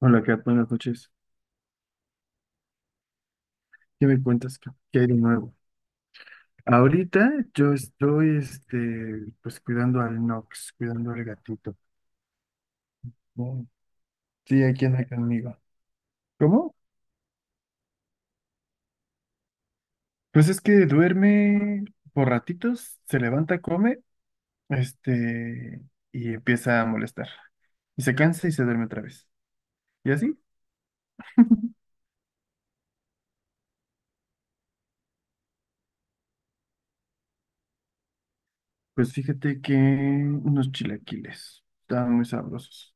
Hola, Kat, buenas noches. ¿Qué me cuentas? ¿Qué hay de nuevo? Ahorita yo estoy, pues cuidando al Nox, cuidando al gatito. ¿No? Sí, aquí anda conmigo. ¿Cómo? Pues es que duerme por ratitos, se levanta, come, este, y empieza a molestar. Y se cansa y se duerme otra vez. ¿Y así? Pues fíjate que unos chilaquiles estaban muy sabrosos.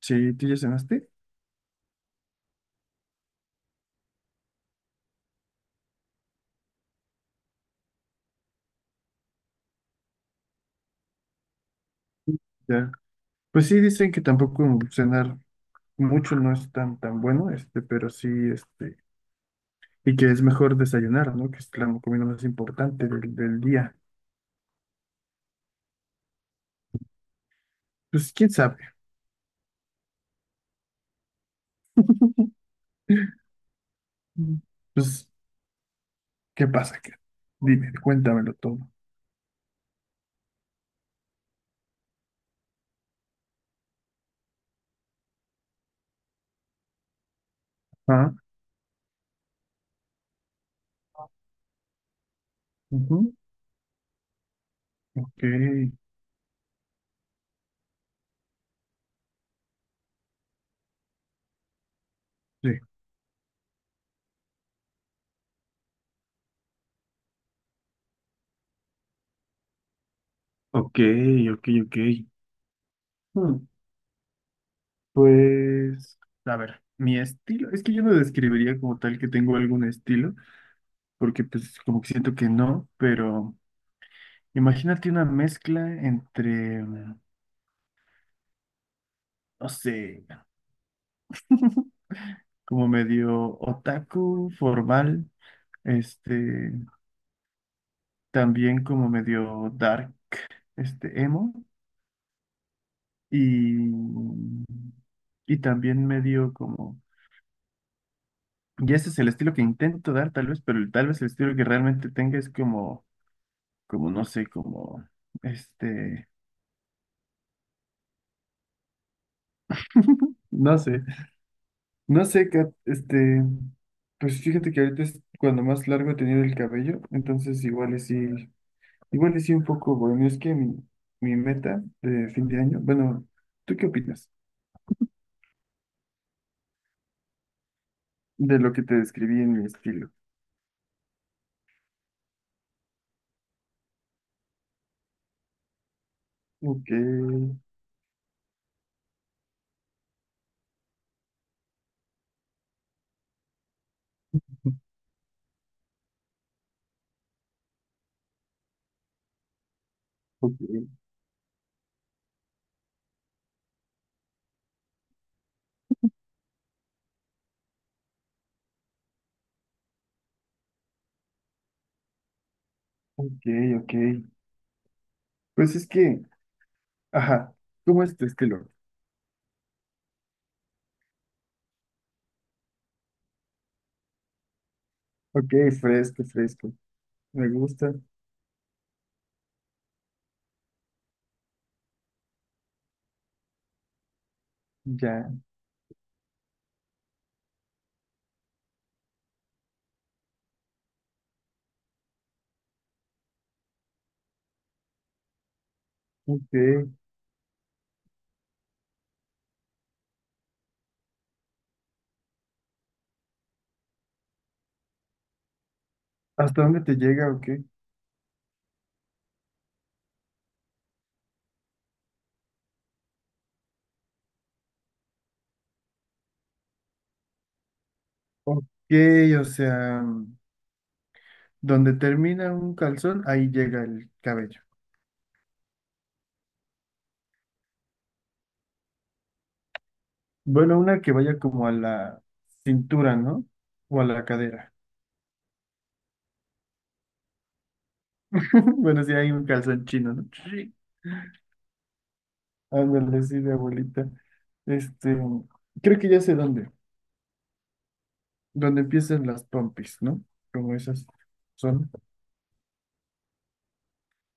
Sí, ¿tú ya cenaste? Ya. Pues sí, dicen que tampoco cenar mucho no es tan bueno, pero sí, y que es mejor desayunar, ¿no? Que es la comida más importante del día. Pues quién sabe. Mm. Pues, ¿qué pasa? ¿Qué? Dime, cuéntamelo todo. Ah, ujú, ok, sí. Ok, ok. Hmm, pues, a ver, mi estilo, es que yo no describiría como tal que tengo algún estilo, porque pues como que siento que no, pero imagínate una mezcla entre, no sé, como medio otaku formal, este, también como medio dark, emo, y, y también medio como, y ese es el estilo que intento dar tal vez, pero tal vez el estilo que realmente tenga es como, como no sé, como, este, no sé, no sé, Kat, pues fíjate que ahorita es cuando más largo he tenido el cabello, entonces igual y sí. Igual y sí un poco, bueno, es que mi meta de fin de año, bueno, ¿tú qué opinas de lo que te describí en mi estilo? Ok, ok, ok, ok. Pues es que, ajá, ¿cómo es tu estilo? Ok, fresco, fresco. Me gusta, ya, ok. ¿Hasta dónde te llega o qué? Ok, o sea, donde termina un calzón, ahí llega el cabello. Bueno, una que vaya como a la cintura, ¿no? O a la cadera. Bueno, sí hay un calzón chino, ¿no? Sí. Ándale, sí, de abuelita. Este, creo que ya sé dónde. Donde empiezan las pompis, ¿no? Como esas son.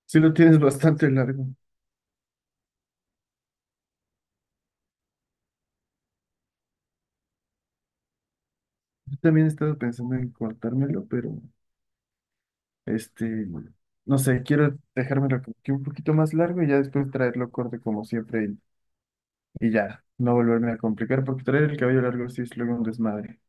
Sí lo tienes bastante largo. Yo también he estado pensando en cortármelo, pero este, no sé, quiero dejármelo como que un poquito más largo y ya después traerlo corto como siempre y ya, no volverme a complicar, porque traer el cabello largo sí es luego un desmadre.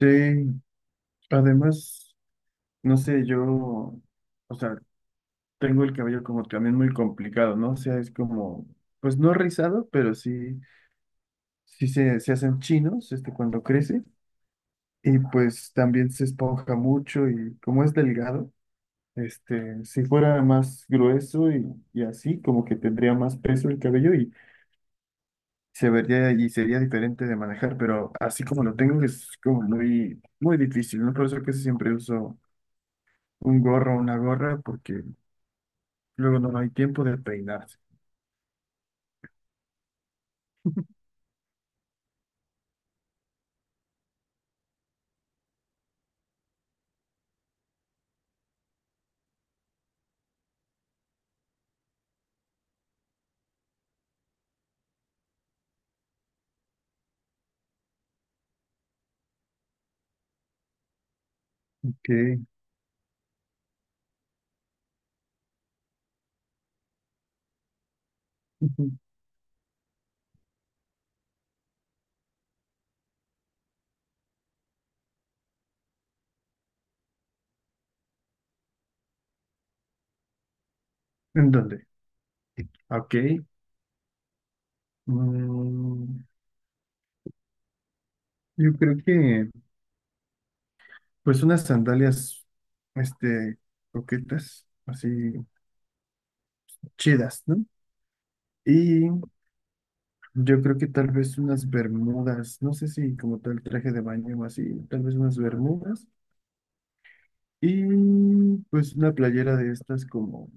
Sí, además, no sé, yo, o sea, tengo el cabello como también muy complicado, ¿no? O sea, es como, pues no rizado, pero sí, sí se hacen chinos, cuando crece, y pues también se esponja mucho y como es delgado, si fuera más grueso y así, como que tendría más peso el cabello y se vería y sería diferente de manejar, pero así como lo tengo es como muy difícil, ¿no? Por eso casi siempre uso un gorro o una gorra porque luego no hay tiempo de peinarse. Ok. ¿En dónde? Ok. Mm, yo creo que, pues, unas sandalias, este, coquetas, así, chidas, ¿no? Y yo creo que tal vez unas bermudas, no sé si como tal traje de baño o así, tal vez unas bermudas. Y pues una playera de estas como,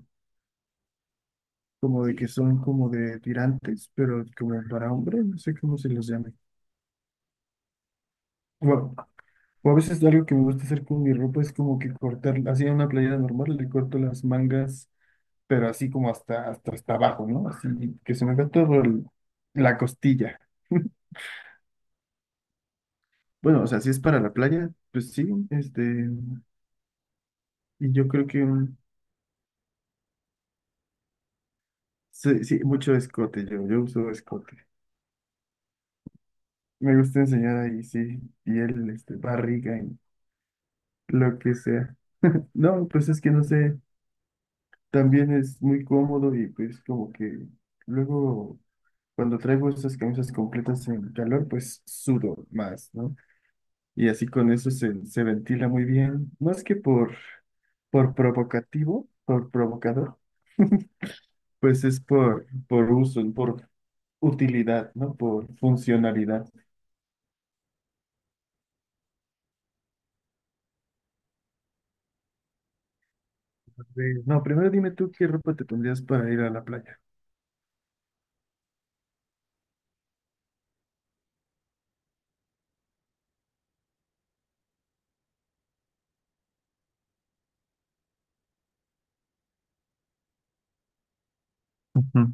como de que son como de tirantes, pero como para hombre, no sé cómo se los llame. Bueno, o a veces algo que me gusta hacer con mi ropa es como que cortar, así en una playera normal, le corto las mangas pero así como hasta abajo, ¿no? Así que se me ve todo la costilla. Bueno, o sea, si es para la playa, pues sí, y yo creo que un, sí, sí, mucho escote, yo uso escote. Me gusta enseñar ahí, sí, piel, barriga y lo que sea. No, pues es que no sé, también es muy cómodo y pues como que luego cuando traigo esas camisas completas en calor, pues sudo más, ¿no? Y así con eso se ventila muy bien. Más que por provocativo, por provocador, pues es por uso, por utilidad, ¿no? Por funcionalidad. No, primero dime tú qué ropa te pondrías para ir a la playa. Ujú.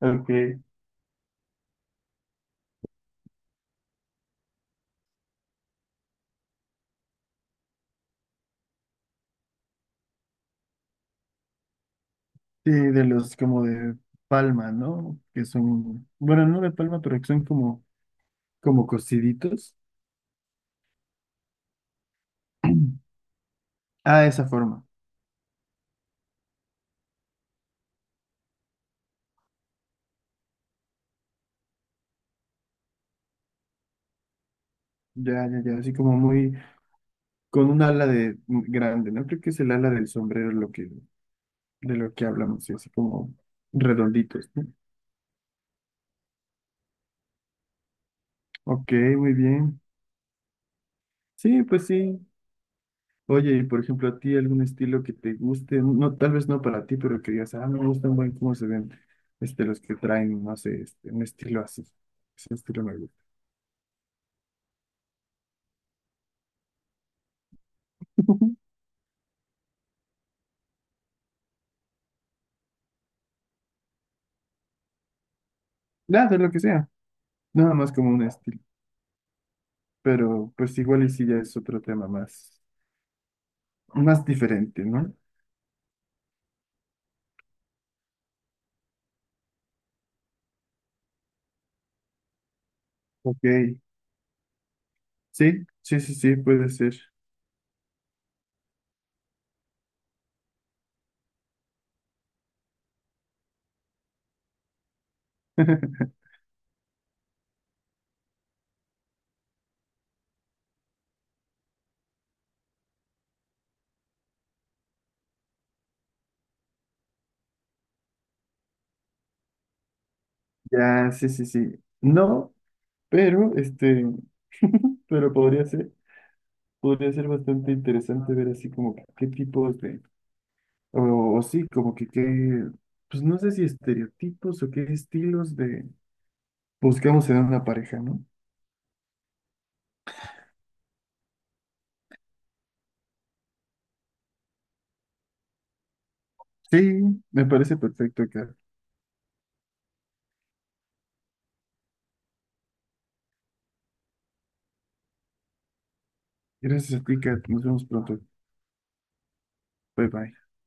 Ok. Sí, de los como de palma, ¿no? Que son, bueno, no de palma, pero que son como, como cosiditos. Ah, esa forma. Ya, ya, ya. Así como muy, con un ala de grande, ¿no? Creo que es el ala del sombrero lo que de lo que hablamos, sí, así como redonditos, ¿no? Ok, muy bien. Sí, pues sí. Oye, y por ejemplo, a ti algún estilo que te guste, no, tal vez no para ti, pero que digas, ah, no me gustan buen cómo se ven, los que traen, no sé, un estilo así. Ese estilo me gusta. Nada, de lo que sea. Nada más como un estilo. Pero pues igual y sí ya es otro tema más, más diferente, ¿no? Ok. Sí, sí, sí, sí, puede ser. Ya, sí, sí, sí. No, pero este. Pero podría ser bastante interesante ver así como que qué tipos de, o sí, como que qué, pues no sé si estereotipos o qué estilos de buscamos en una pareja, ¿no? Sí, me parece perfecto, Kat. Gracias a ti, Kat. Nos vemos pronto. Bye bye.